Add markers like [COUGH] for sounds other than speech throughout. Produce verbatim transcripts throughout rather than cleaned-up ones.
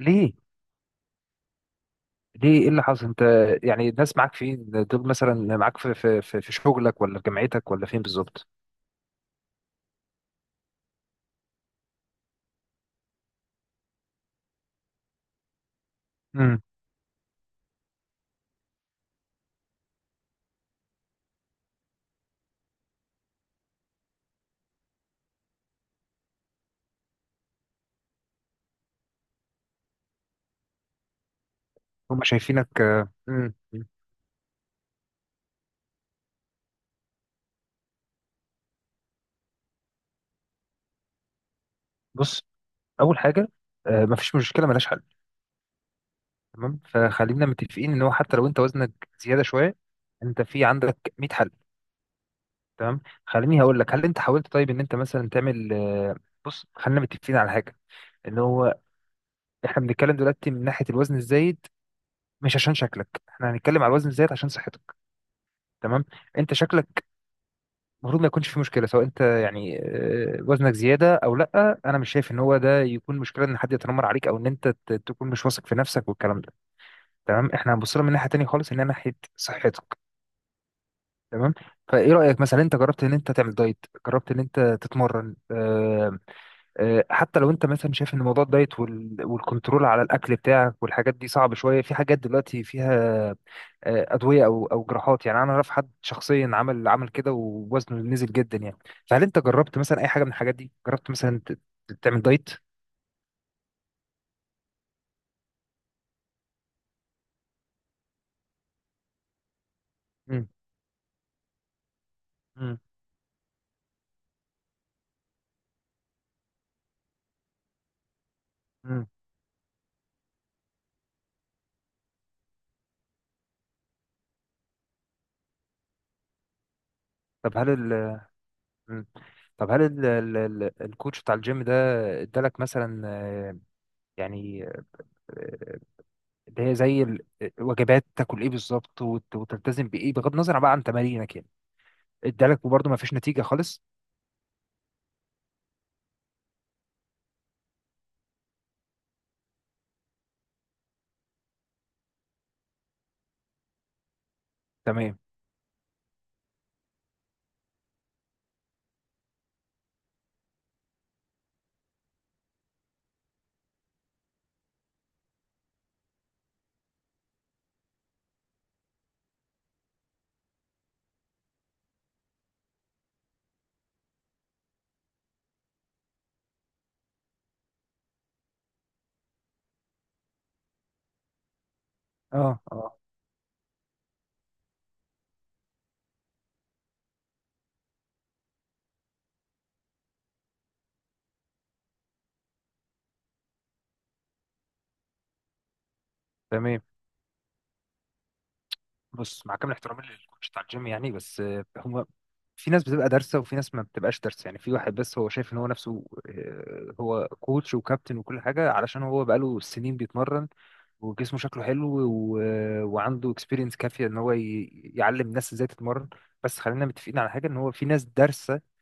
ليه ليه ايه اللي حصل انت؟ يعني الناس معاك فين دول؟ مثلا معاك في في في في شغلك، ولا في جامعتك، ولا فين بالظبط؟ امم هم شايفينك، آه، امم بص، اول حاجه، آه، مفيش مشكله ملهاش حل، تمام؟ فخلينا متفقين ان هو حتى لو انت وزنك زياده شويه، انت في عندك ميه حل، تمام؟ خليني هقول لك، هل انت حاولت طيب ان انت مثلا تعمل آه، بص، خلينا متفقين على حاجه، ان هو احنا بنتكلم دلوقتي من ناحيه الوزن الزايد، مش عشان شكلك، احنا هنتكلم على الوزن الزايد عشان صحتك، تمام؟ انت شكلك المفروض ما يكونش في مشكله، سواء انت يعني، آه، وزنك زياده او لا، انا مش شايف ان هو ده يكون مشكله ان حد يتنمر عليك، او ان انت ت- تكون مش واثق في نفسك والكلام ده، تمام؟ احنا هنبص لها من ناحيه تانية خالص، ان هي ناحيه صحتك، تمام؟ فايه رايك مثلا، انت جربت ان انت تعمل دايت؟ جربت ان انت تتمرن؟ آه، آه، حتى لو انت مثلا شايف ان موضوع الدايت وال- والكنترول على الاكل بتاعك والحاجات دي صعب شويه، في حاجات دلوقتي فيها، آه، ادويه او او جراحات، يعني انا اعرف حد شخصيا عمل عمل كده ووزنه نزل جدا يعني. فهل انت جربت مثلا اي حاجه من الحاجات دي؟ جربت مثلا ت- ت- تعمل دايت؟ مم. مم. مم. طب هل ال مم. طب هل ال ال ال الكوتش بتاع الجيم ده ادالك مثلا، آه، يعني، آه، اللي هي زي ال- آه، وجبات، تاكل ايه بالظبط وت- وتلتزم بايه بغض النظر بقى عن تمارينك يعني؟ ادالك وبرضه ما فيش نتيجه خالص؟ تمام. اه اه، تمام. بص، مع كامل احترامي للكوتش بتاع الجيم يعني، بس آه، هو في ناس بتبقى دارسه وفي ناس ما بتبقاش دارسه، يعني في واحد بس هو شايف ان هو نفسه، آه، هو كوتش وكابتن وكل حاجه علشان هو بقاله سنين بيتمرن وجسمه شكله حلو و... وعنده اكسبيرينس كافيه ان هو ي... يعلم الناس ازاي تتمرن. بس خلينا متفقين على حاجه، ان هو في ناس دارسه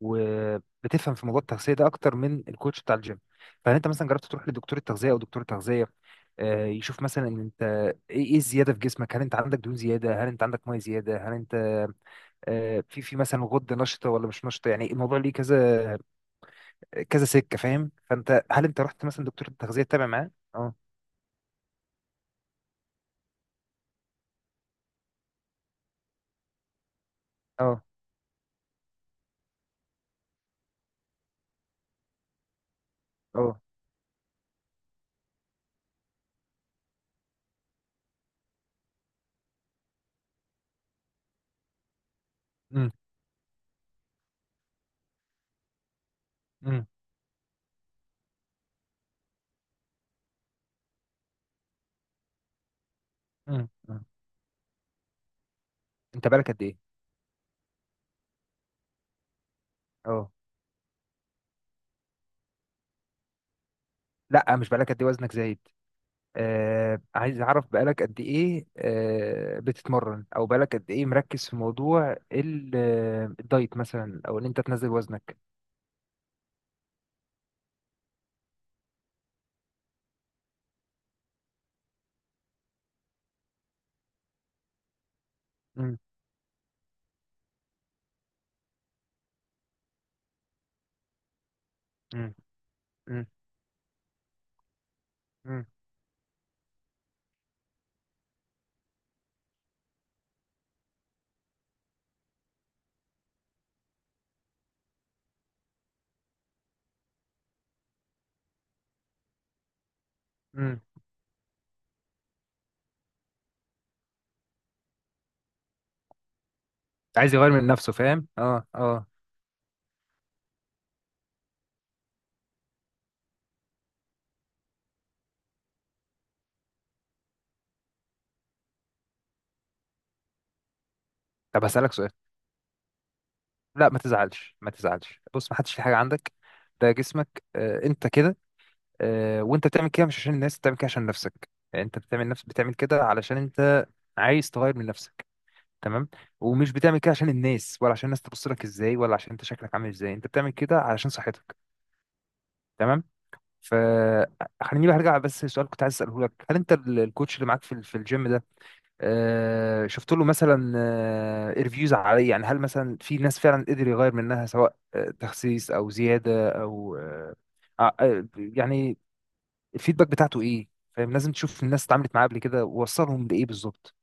وبتفهم في موضوع التغذيه ده اكتر من الكوتش بتاع الجيم. فهل انت مثلا جربت تروح لدكتور التغذيه؟ او دكتور التغذيه، آه، يشوف مثلا ان انت ايه إيه الزياده في جسمك؟ هل انت عندك دهون زياده؟ هل انت عندك ميه زياده؟ هل انت، آه، في في مثلا غده نشطه ولا مش نشطه؟ يعني الموضوع ليه كذا كذا سكه، فاهم؟ فانت هل انت رحت مثلا دكتور التغذيه تتابع معاه؟ اه اه اه. امم امم امم امم. انت بالك قد ايه؟ اه، لا، مش بالك قد ايه وزنك زايد، آه، عايز اعرف بقالك قد ايه آه بتتمرن، او بقالك قد ايه مركز في موضوع ال- آه، الدايت، مثلا، او ان انت تنزل وزنك. مم، مم، مم، مم، مم. عايز يغير من نفسه، فاهم، اه اه. طب هسألك سؤال. لا ما تزعلش، ما تزعلش. بص، ما حدش في حاجة عندك، ده جسمك، آه، انت كده، آه، وانت بتعمل كده مش عشان الناس بتعمل كده عشان نفسك، يعني انت بتعمل نفس بتعمل كده علشان انت عايز تغير من نفسك، تمام؟ ومش بتعمل كده عشان الناس، ولا عشان الناس تبص لك ازاي، ولا عشان انت شكلك عامل ازاي، انت بتعمل كده علشان صحتك، تمام. ف خليني بقى ارجع بس لسؤال كنت عايز اساله لك: هل انت ال- الكوتش اللي معاك في ال- في الجيم ده، آه، شفت له مثلا ريفيوز عليه؟ يعني هل مثلا في ناس فعلا قدر يغير منها، سواء آه، تخسيس او زياده او آه آه، آه، يعني الفيدباك بتاعته ايه؟ فاهم؟ لازم تشوف الناس اتعاملت معاه قبل كده ووصلهم لايه بالظبط.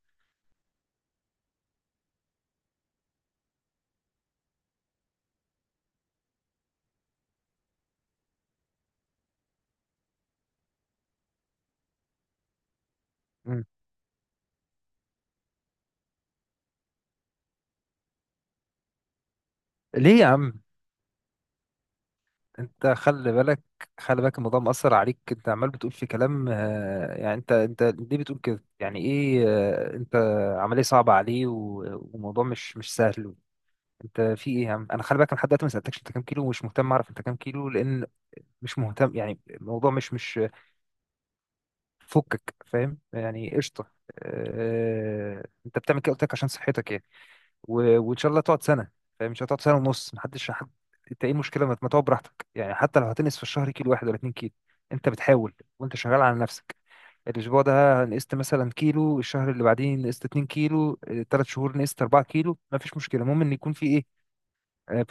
مم. ليه يا عم؟ انت خلي بالك، خلي بالك الموضوع مأثر عليك، انت عمال بتقول في كلام، آه، يعني انت انت ليه بتقول كده؟ يعني ايه آه، انت عملية صعبة عليه و- وموضوع مش مش سهل؟ انت في ايه يا عم؟ انا خلي بالك، انا لحد دلوقتي ما سألتكش انت كام كيلو، ومش مهتم اعرف انت كام كيلو، لان مش مهتم، يعني الموضوع مش مش فكك، فاهم يعني؟ قشطة. آه، انت بتعمل كده قلت لك عشان صحتك يعني، و... وان شاء الله تقعد سنه، فاهم؟ مش هتقعد سنه ونص، محدش حد، انت ايه المشكله؟ ما ما تقعد براحتك، يعني حتى لو هتنقص في الشهر كيلو واحد ولا اتنين كيلو، انت بتحاول وانت شغال على نفسك. الاسبوع ده نقصت مثلا كيلو، الشهر اللي بعديه نقصت اتنين كيلو، ثلاث شهور نقصت اربعة كيلو، ما فيش مشكله. المهم ان يكون في ايه؟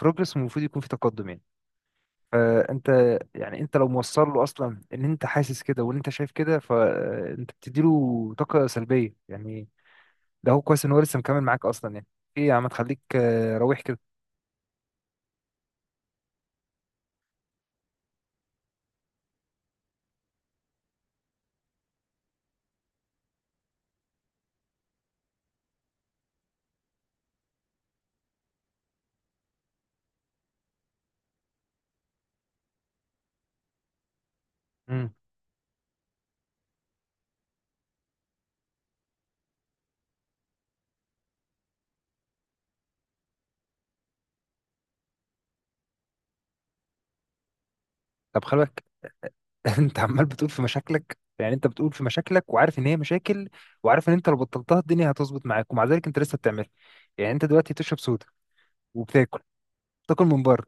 بروجرس، والمفروض يكون في تقدم يعني. فانت يعني انت لو موصل له اصلا ان انت حاسس كده وان انت شايف كده، فانت بتديله طاقه سلبيه يعني. ده هو كويس ان هو لسه مكمل معاك اصلا يعني، ايه يا عم تخليك روح كده. مم. طب خلي بالك، [LAUGHS] انت عمال بتقول في مشاكلك، يعني انت بتقول في مشاكلك وعارف ان هي مشاكل، وعارف ان انت لو بطلتها الدنيا هتظبط معاك، ومع ذلك انت لسه بتعملها. يعني انت دلوقتي بتشرب سودا، وبتاكل، بتاكل من بره،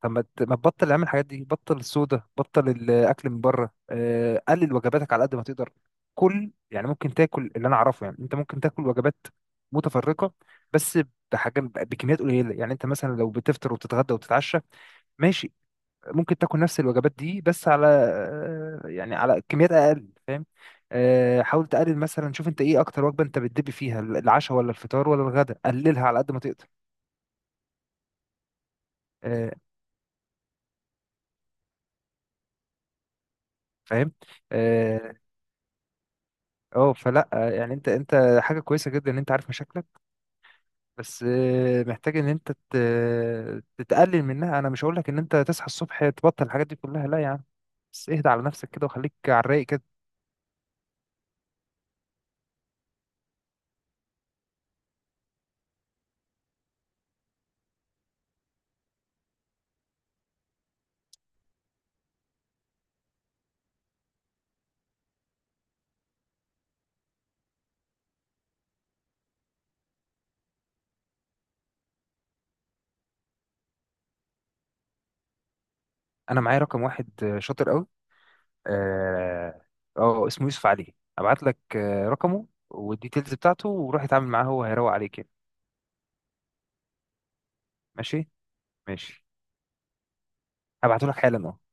طب ما ت- ما تبطل اعمل الحاجات دي، بطل السودا، بطل الاكل من بره، آه، قلل وجباتك على قد ما تقدر. كل يعني، ممكن تاكل اللي انا اعرفه يعني، انت ممكن تاكل وجبات متفرقه بس بحاجه بكميات قليله، يعني انت مثلا لو بتفطر وبتتغدى وبتتعشى، ماشي، ممكن تاكل نفس الوجبات دي، بس على آه، يعني على كميات اقل، فاهم؟ آه، حاول تقلل مثلا، شوف انت ايه اكتر وجبه انت بتدب فيها، العشاء ولا الفطار ولا الغداء، قللها على قد ما تقدر. آه، فاهم. اه، آه، فلا آه، يعني انت انت حاجه كويسه جدا ان انت عارف مشاكلك، بس آه، محتاج ان انت ت- تتقلل منها. انا مش هقول لك ان انت تصحى الصبح تبطل الحاجات دي كلها، لا يا عم، بس اهدى على نفسك كده وخليك على الرايق كده. انا معايا رقم واحد، آه، شاطر قوي. اه. آه، اسمه يوسف علي، ابعت لك آه، رقمه والديتيلز بتاعته وروح اتعامل معاه، هو هيروق عليك يعني. ماشي، ماشي، هبعته لك حالا أهو.